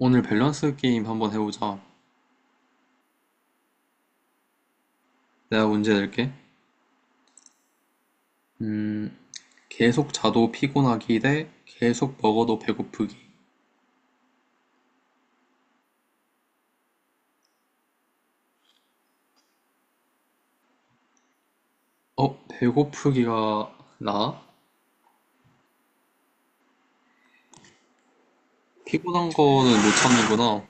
오늘 밸런스 게임 한번 해보자. 내가 문제 낼게. 음, 계속 자도 피곤하기 대 계속 먹어도 배고프기. 어, 배고프기가 나? 피곤한 거는 못 참는구나.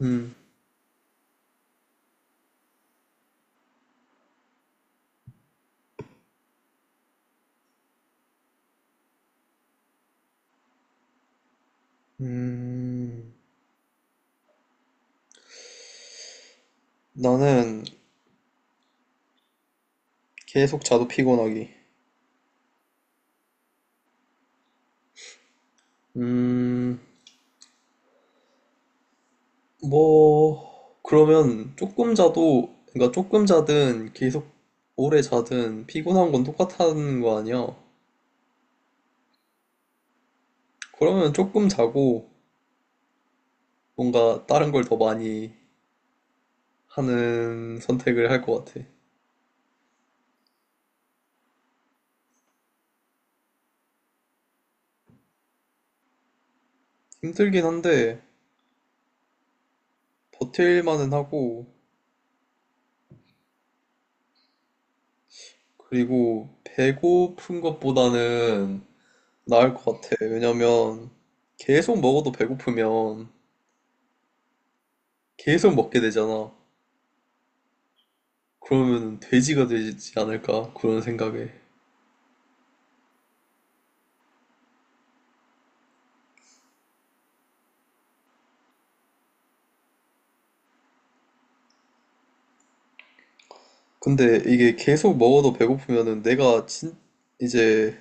음, 음, 나는 계속 자도 피곤하기. 음, 뭐, 그러면 조금 자도, 그러니까 조금 자든 계속 오래 자든 피곤한 건 똑같다는 거 아니야? 그러면 조금 자고 뭔가 다른 걸 더 많이 하는 선택을 할 것 같아. 힘들긴 한데 버틸만은 하고 그리고 배고픈 것보다는 나을 것 같아. 왜냐면 계속 먹어도 배고프면 계속 먹게 되잖아. 그러면 돼지가 되지 않을까 그런 생각에. 근데 이게 계속 먹어도 배고프면은 내가 진 이제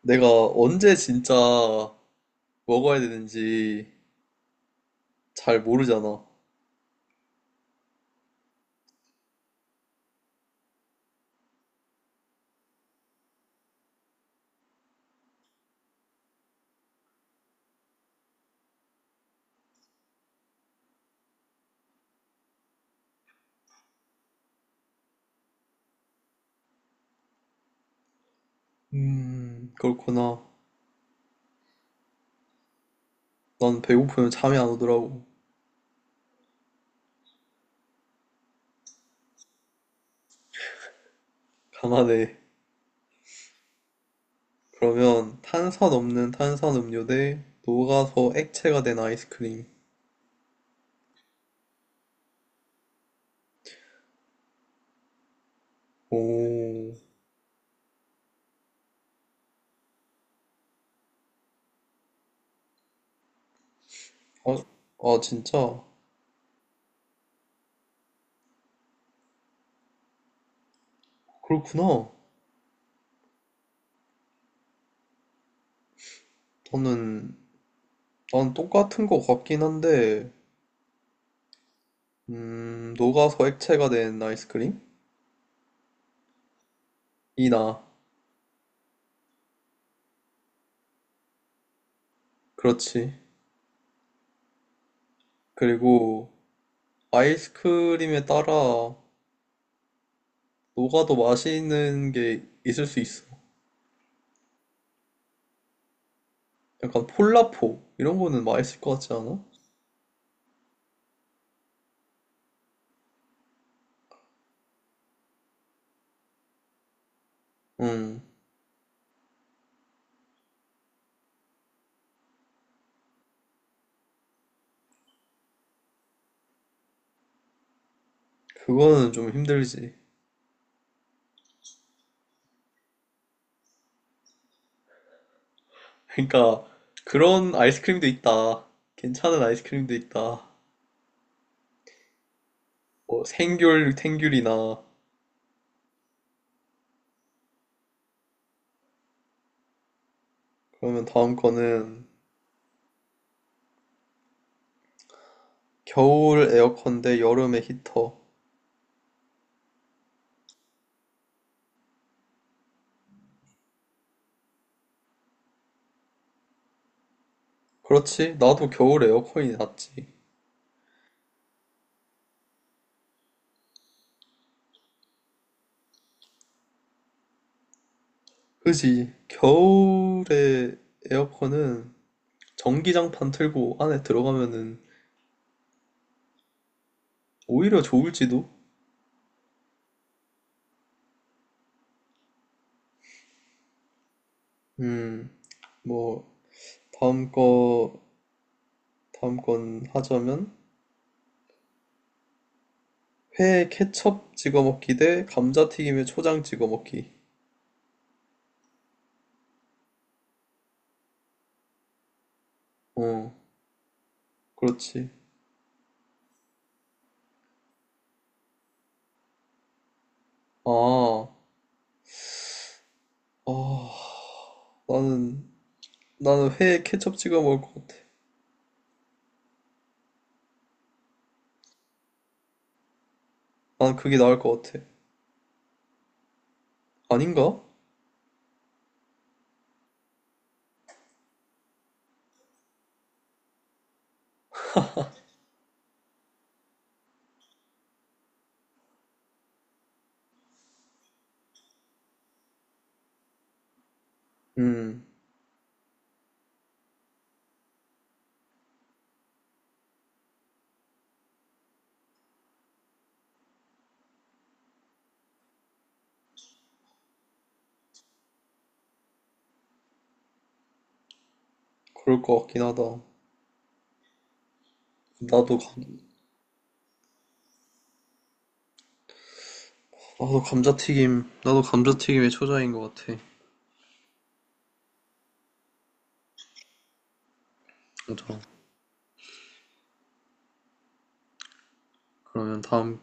내가 언제 진짜 먹어야 되는지 잘 모르잖아. 그렇구나. 난 배고프면 잠이 안 오더라고. 가만해. 그러면 탄산 없는 탄산 음료 대 녹아서 액체가 된 아이스크림. 오, 아, 아 진짜? 그렇구나. 저는 난 똑같은 거 같긴 한데, 녹아서 액체가 된 아이스크림? 이 나. 그렇지. 그리고 아이스크림에 따라 녹아도 맛있는 게 있을 수 있어. 약간 폴라포 이런 거는 맛있을 것 같지 않아? 음. 그거는 좀 힘들지. 그러니까 그런 아이스크림도 있다. 괜찮은 아이스크림도 있다. 뭐 생귤, 탱귤이나 그러면 다음 거는 겨울 에어컨 대 여름의 히터. 그렇지? 나도 겨울 에어컨이 낫지. 그지? 겨울에 에어컨은 전기장판 틀고 안에 들어가면은 오히려 좋을지도? 음, 뭐 다음 거 다음 건 하자면 회에 케첩 찍어 먹기 대 감자튀김에 초장 찍어 먹기. 어, 그렇지. 아, 아, 나는 나는 회에 케첩 찍어 먹을 것 같아. 난 그게 나을 것 같아. 아닌가? 음, 그럴 것 같긴 하다. 나도 감, 나도 감자튀김에 초장인 것 같아. 맞아. 그러면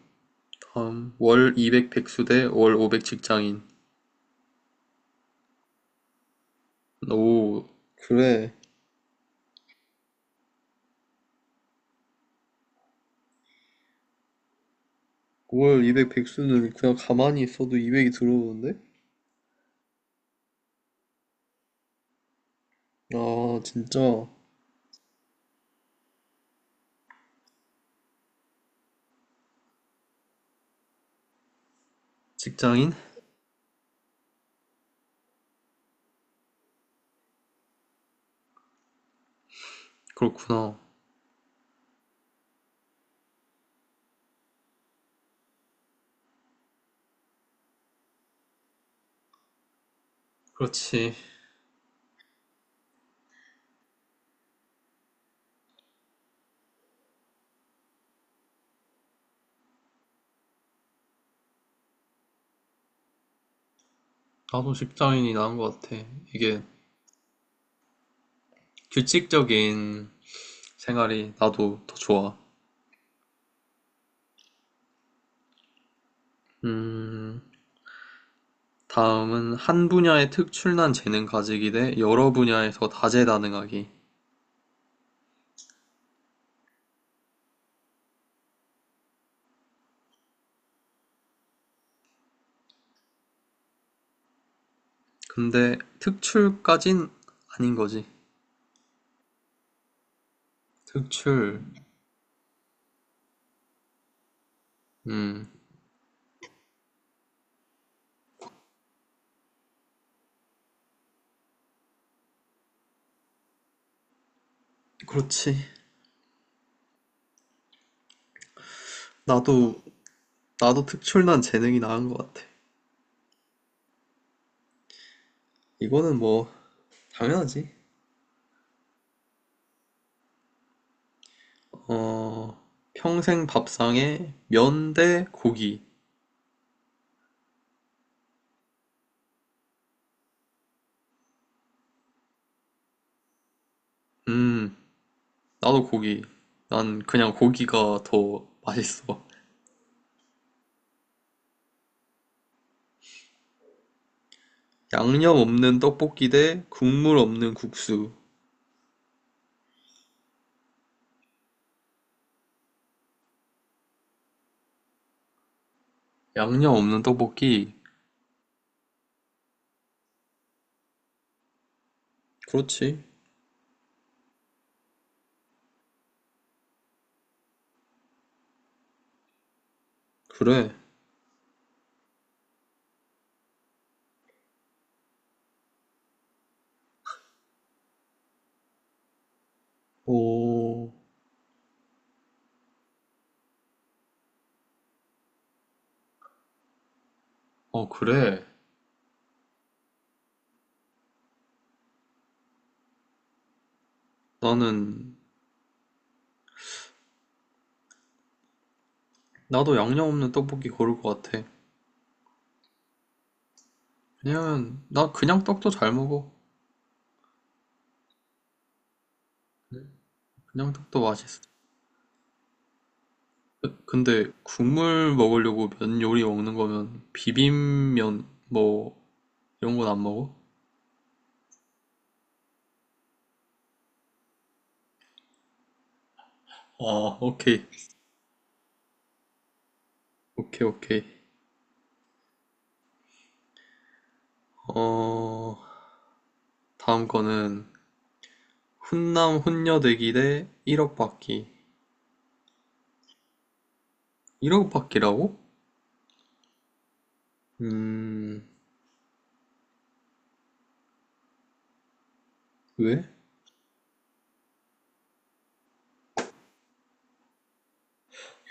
다음 월 200 백수 대 월 500 직장인. 오, 그래. 월 200 백수는 그냥 가만히 있어도 200이 들어오는데? 아, 진짜. 직장인? 그렇구나. 그렇지. 나도 직장인이 나은 것 같아. 이게 규칙적인 생활이 나도 더 좋아. 음, 다음은 한 분야에 특출난 재능 가지기 대 여러 분야에서 다재다능하기. 근데 특출까진 아닌 거지. 특출. 음, 그렇지. 나도, 나도 특출난 재능이 나은 것 같아. 이거는 뭐, 당연하지. 어, 평생 밥상에 면 대 고기. 음, 나도 고기. 난 그냥 고기가 더 맛있어. 양념 없는 떡볶이 대 국물 없는 국수. 양념 없는 떡볶이. 그렇지. 그래. 오, 어, 그래. 나는, 나도 양념 없는 떡볶이 고를 것 같아. 왜냐면, 나 그냥 떡도 잘 먹어. 그냥 떡도 맛있어. 근데 국물 먹으려고 면 요리 먹는 거면 비빔면 뭐 이런 건 안 먹어? 아, 오케이. 오케이, 오케이. 어, 다음 거는 훈남 훈녀대기 대 1억 받기. 1억 받기라고? 음, 왜?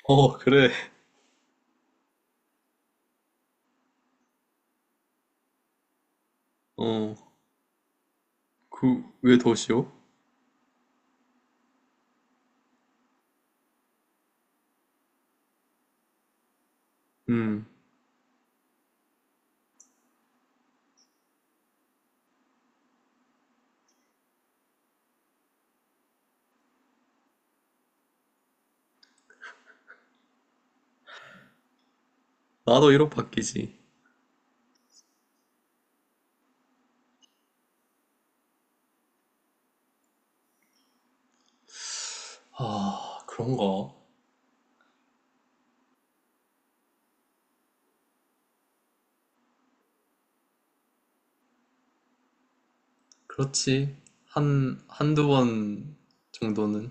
어, 그래. 어, 그, 왜 더 쉬워? 음, 나도 1억 받기지. 아, 그런가? 그렇지. 한두 번 정도는.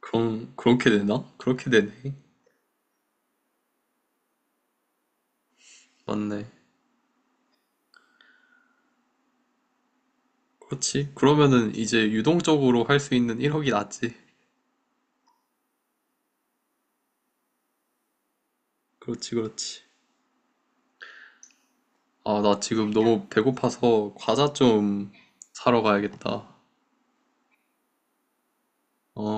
그럼 그렇게 되나? 그렇게 되네. 맞네. 그렇지. 그러면은 이제 유동적으로 할 수 있는 1억이 낫지. 그렇지, 그렇지. 아, 나 지금 너무 배고파서 과자 좀 사러 가야겠다. 어.